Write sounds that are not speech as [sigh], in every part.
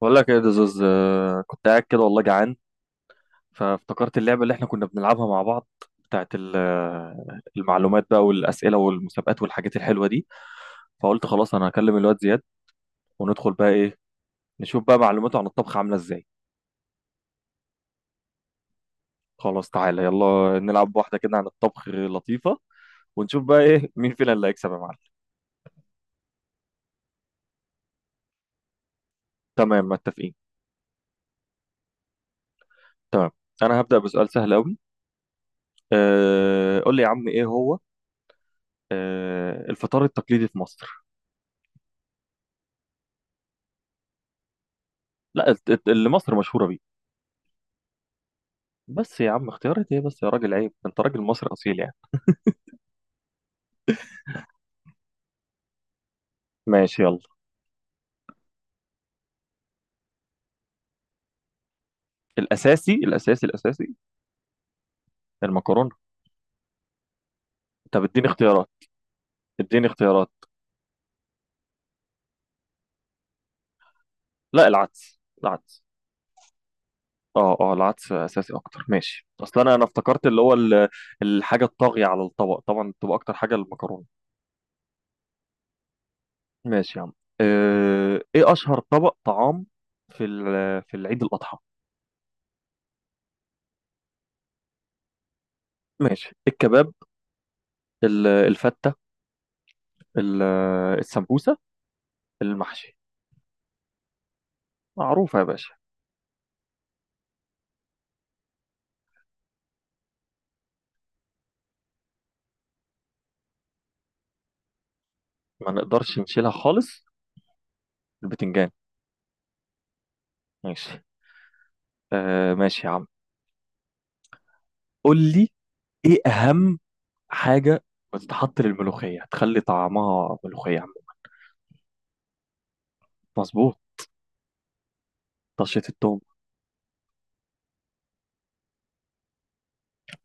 بقول لك ايه يا دزوز، كنت قاعد كده والله جعان. فافتكرت اللعبه اللي احنا كنا بنلعبها مع بعض بتاعت المعلومات بقى والاسئله والمسابقات والحاجات الحلوه دي. فقلت خلاص انا هكلم الواد زياد، وندخل بقى ايه، نشوف بقى معلوماته عن الطبخ عامله ازاي. خلاص تعالى يلا نلعب واحده كده عن الطبخ لطيفه، ونشوف بقى ايه [laughs] مين فينا اللي هيكسب يا معلم. تمام، متفقين. تمام. انا هبدا بسؤال سهل قوي. قول لي يا عم، ايه هو الفطار التقليدي في مصر؟ لا، اللي مصر مشهوره بيه. بس يا عم، اختيارات ايه بس يا راجل، عيب، انت راجل مصري اصيل يعني. ماشي يلا. الاساسي، الاساسي، الاساسي. المكرونه. طب اديني اختيارات. اديني اختيارات. لا، العدس العدس. اه، اه، العدس اساسي اكتر، ماشي، اصل انا افتكرت اللي هو الحاجه الطاغيه على الطبق طبعا بتبقى اكتر حاجه المكرونه. ماشي يا عم. اه، ايه اشهر طبق طعام في العيد الاضحى؟ ماشي، الكباب، الفته، ال- السمبوسه، المحشي. معروفه يا باشا. ما نقدرش نشيلها خالص. البتنجان. ماشي. ماشي يا عم، قول لي ايه اهم حاجة بتتحط للملوخية تخلي طعمها ملوخية عم. مظبوط. طشة التوم.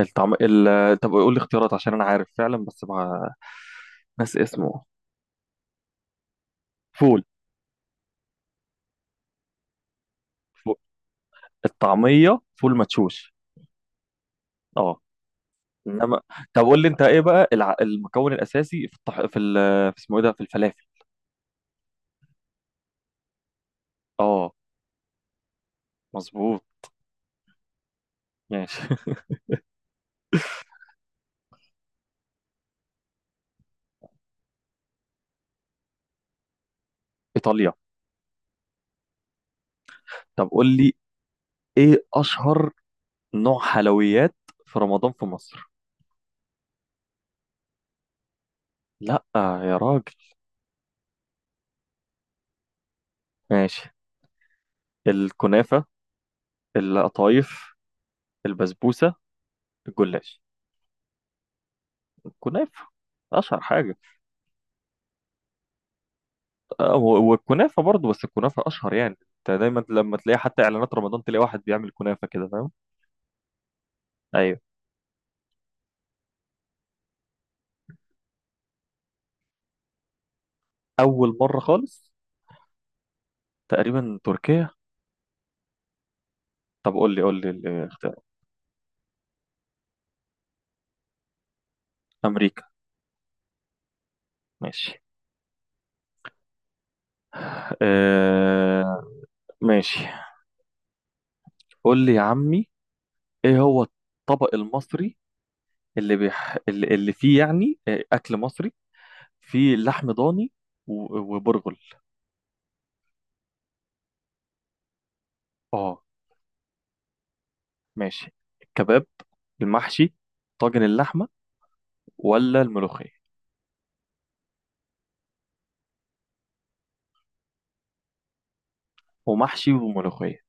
طب قول لي اختيارات عشان انا عارف فعلا، بس مع ناس اسمه. فول، فول. الطعمية فول مدشوش. اه، انما. طب قول لي انت ايه بقى المكون الاساسي في في اسمه ايه ده في الفلافل؟ اه. مظبوط. ماشي [laughs] ايطاليا. طب قول لي ايه اشهر نوع حلويات في رمضان في مصر؟ لا يا راجل. ماشي، الكنافة، القطايف، البسبوسة، الجلاش. الكنافة أشهر حاجة. والكنافة برضو، بس الكنافة أشهر يعني، أنت دايما لما تلاقي حتى إعلانات رمضان تلاقي واحد بيعمل كنافة كده، فاهم؟ أيوه. أول مرة خالص. تقريبا تركيا. طب قول لي الاختيار. أمريكا. ماشي. آه ماشي. قول لي يا عمي، إيه هو الطبق المصري اللي بيح... اللي اللي فيه يعني أكل مصري في لحم ضاني وبرغل. اه، ماشي، الكباب، المحشي، طاجن اللحمة، ولا الملوخية. ومحشي وملوخية.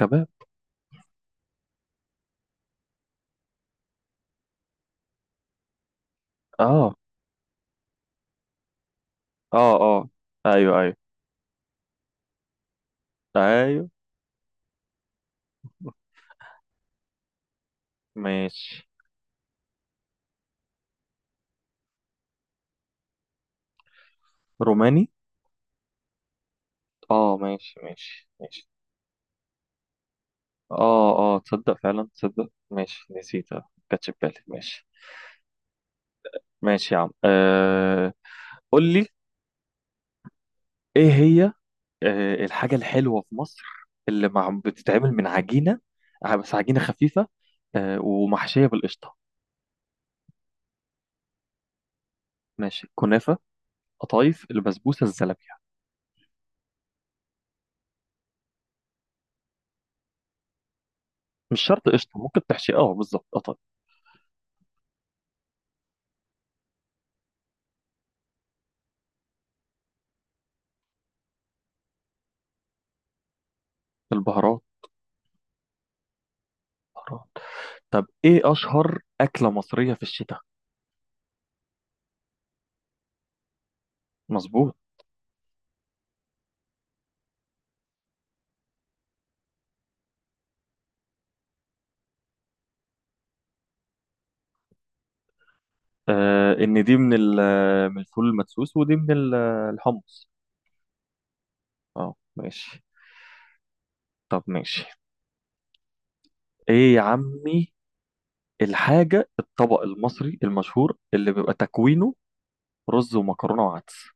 كباب. اه، اه، اه. ايوه، ايوه، ايوه. ماشي. روماني. اه، ماشي، ماشي، ماشي. اه، اه، تصدق فعلا، تصدق، ماشي، نسيتها ما كانتش في بالي، ماشي. ماشي يا عم. قول لي، ايه هي الحاجة الحلوة في مصر اللي مع بتتعمل من عجينة، بس عجينة خفيفة، ومحشية بالقشطة. ماشي، كنافة، قطايف، البسبوسة، الزلابية. مش شرط قشطة، ممكن تحشي بالظبط قطايف. البهارات. بهارات. طب ايه أشهر أكلة مصرية في الشتاء؟ مظبوط. إن دي من من الفول المدسوس، ودي من الحمص. اه، ماشي. طب ماشي. ايه يا عمي، الطبق المصري المشهور اللي بيبقى تكوينه رز ومكرونة وعدس؟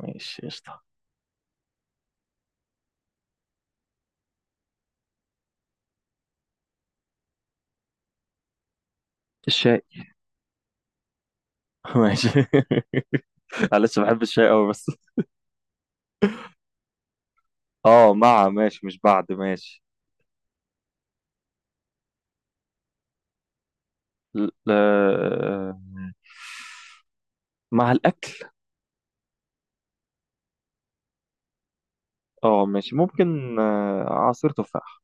ماشي قشطة. الشاي. [laughs] ماشي. [laughs] معلش، بحب الشاي قوي بس. اه، مع، ماشي، مش بعد، ماشي. ل... آه، مع الأكل. اه، ماشي، ممكن عصير تفاح.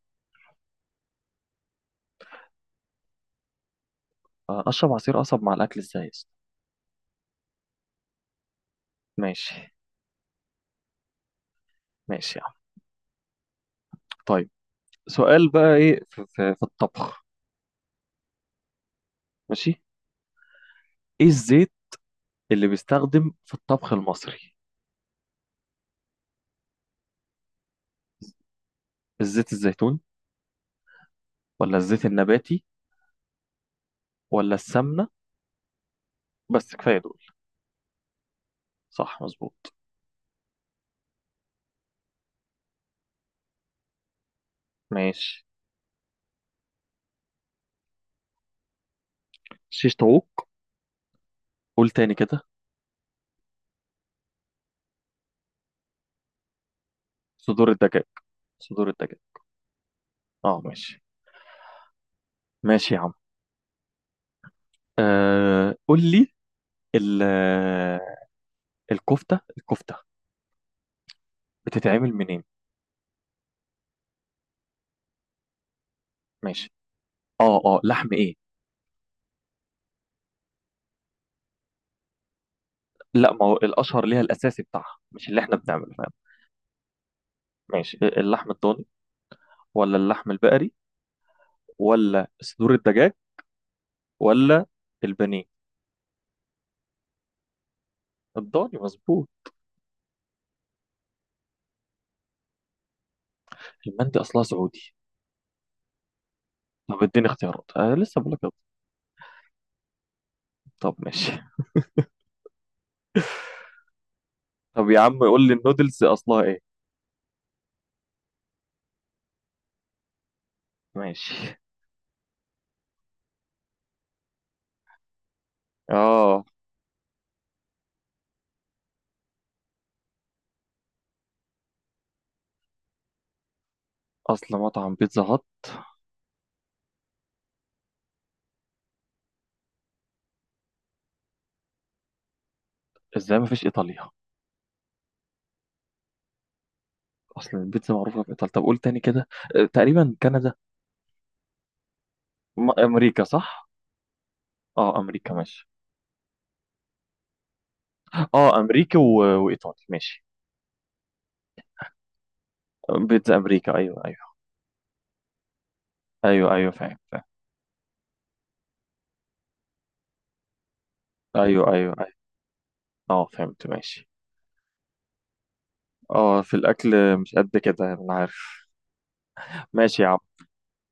أشرب عصير قصب مع الأكل ازاي يا اسطى؟ ماشي. ماشي يا عم. طيب. سؤال بقى ايه في الطبخ. ماشي. ايه الزيت اللي بيستخدم في الطبخ المصري؟ الزيت الزيتون، ولا الزيت النباتي، ولا السمنة، بس كفاية دول. صح مظبوط. ماشي. شيش طاووق. قول تاني كده. صدور الدجاج، صدور الدجاج. اه، ماشي. ماشي يا عم. قول لي، ال- الكفتة بتتعمل منين؟ ماشي. اه، اه، لحم ايه. لا، ما هو الاشهر ليها الاساسي بتاعها مش اللي احنا بنعمله، فاهم؟ ماشي، اللحم الضاني، ولا اللحم البقري، ولا صدور الدجاج، ولا البانيه. الضاني مظبوط. المندي اصلها سعودي. طب اديني اختيارات، انا لسه بقول لك. طب ماشي. طب يا عم، قول لي النودلز اصلها ايه؟ ماشي. اه. اصل مطعم بيتزا هات؟ ازاي ما فيش ايطاليا؟ اصل البيتزا معروفه في ايطاليا، طب قول تاني كده. تقريبا كندا. امريكا صح. اه، امريكا، ماشي. اه، امريكا و... وايطالي، ماشي. بيتزا امريكا، ايوه، ايوه. ايوه، ايوه، فاهم، فاهم. ايوه، ايوه، ايوه. اه، فهمت، ماشي. اه، في الاكل مش قد كده، انا عارف. ماشي يا عم.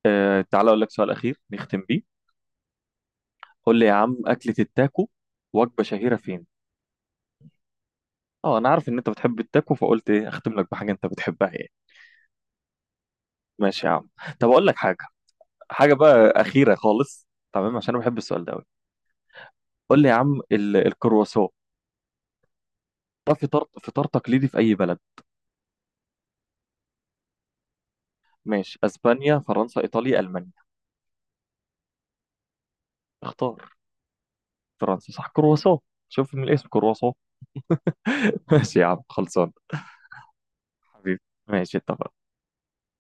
تعالى اقول لك سؤال اخير نختم بيه. قول لي يا عم، اكله التاكو وجبه شهيره فين؟ اه انا عارف ان انت بتحب التاكو، فقلت ايه اختم لك بحاجه انت بتحبها يعني. ماشي يا عم. طب اقول لك حاجه. حاجه بقى اخيره خالص. تمام، عشان انا بحب السؤال ده قوي. قول لي يا عم الكرواسون. ده فطار تقليدي في اي بلد؟ ماشي، اسبانيا، فرنسا، ايطاليا، المانيا. اختار. فرنسا صح، كرواسون. شوف من الاسم كرواسون. [laughs] ماشي يا عم، خلصان. حبيبي. ماشي اتفقنا.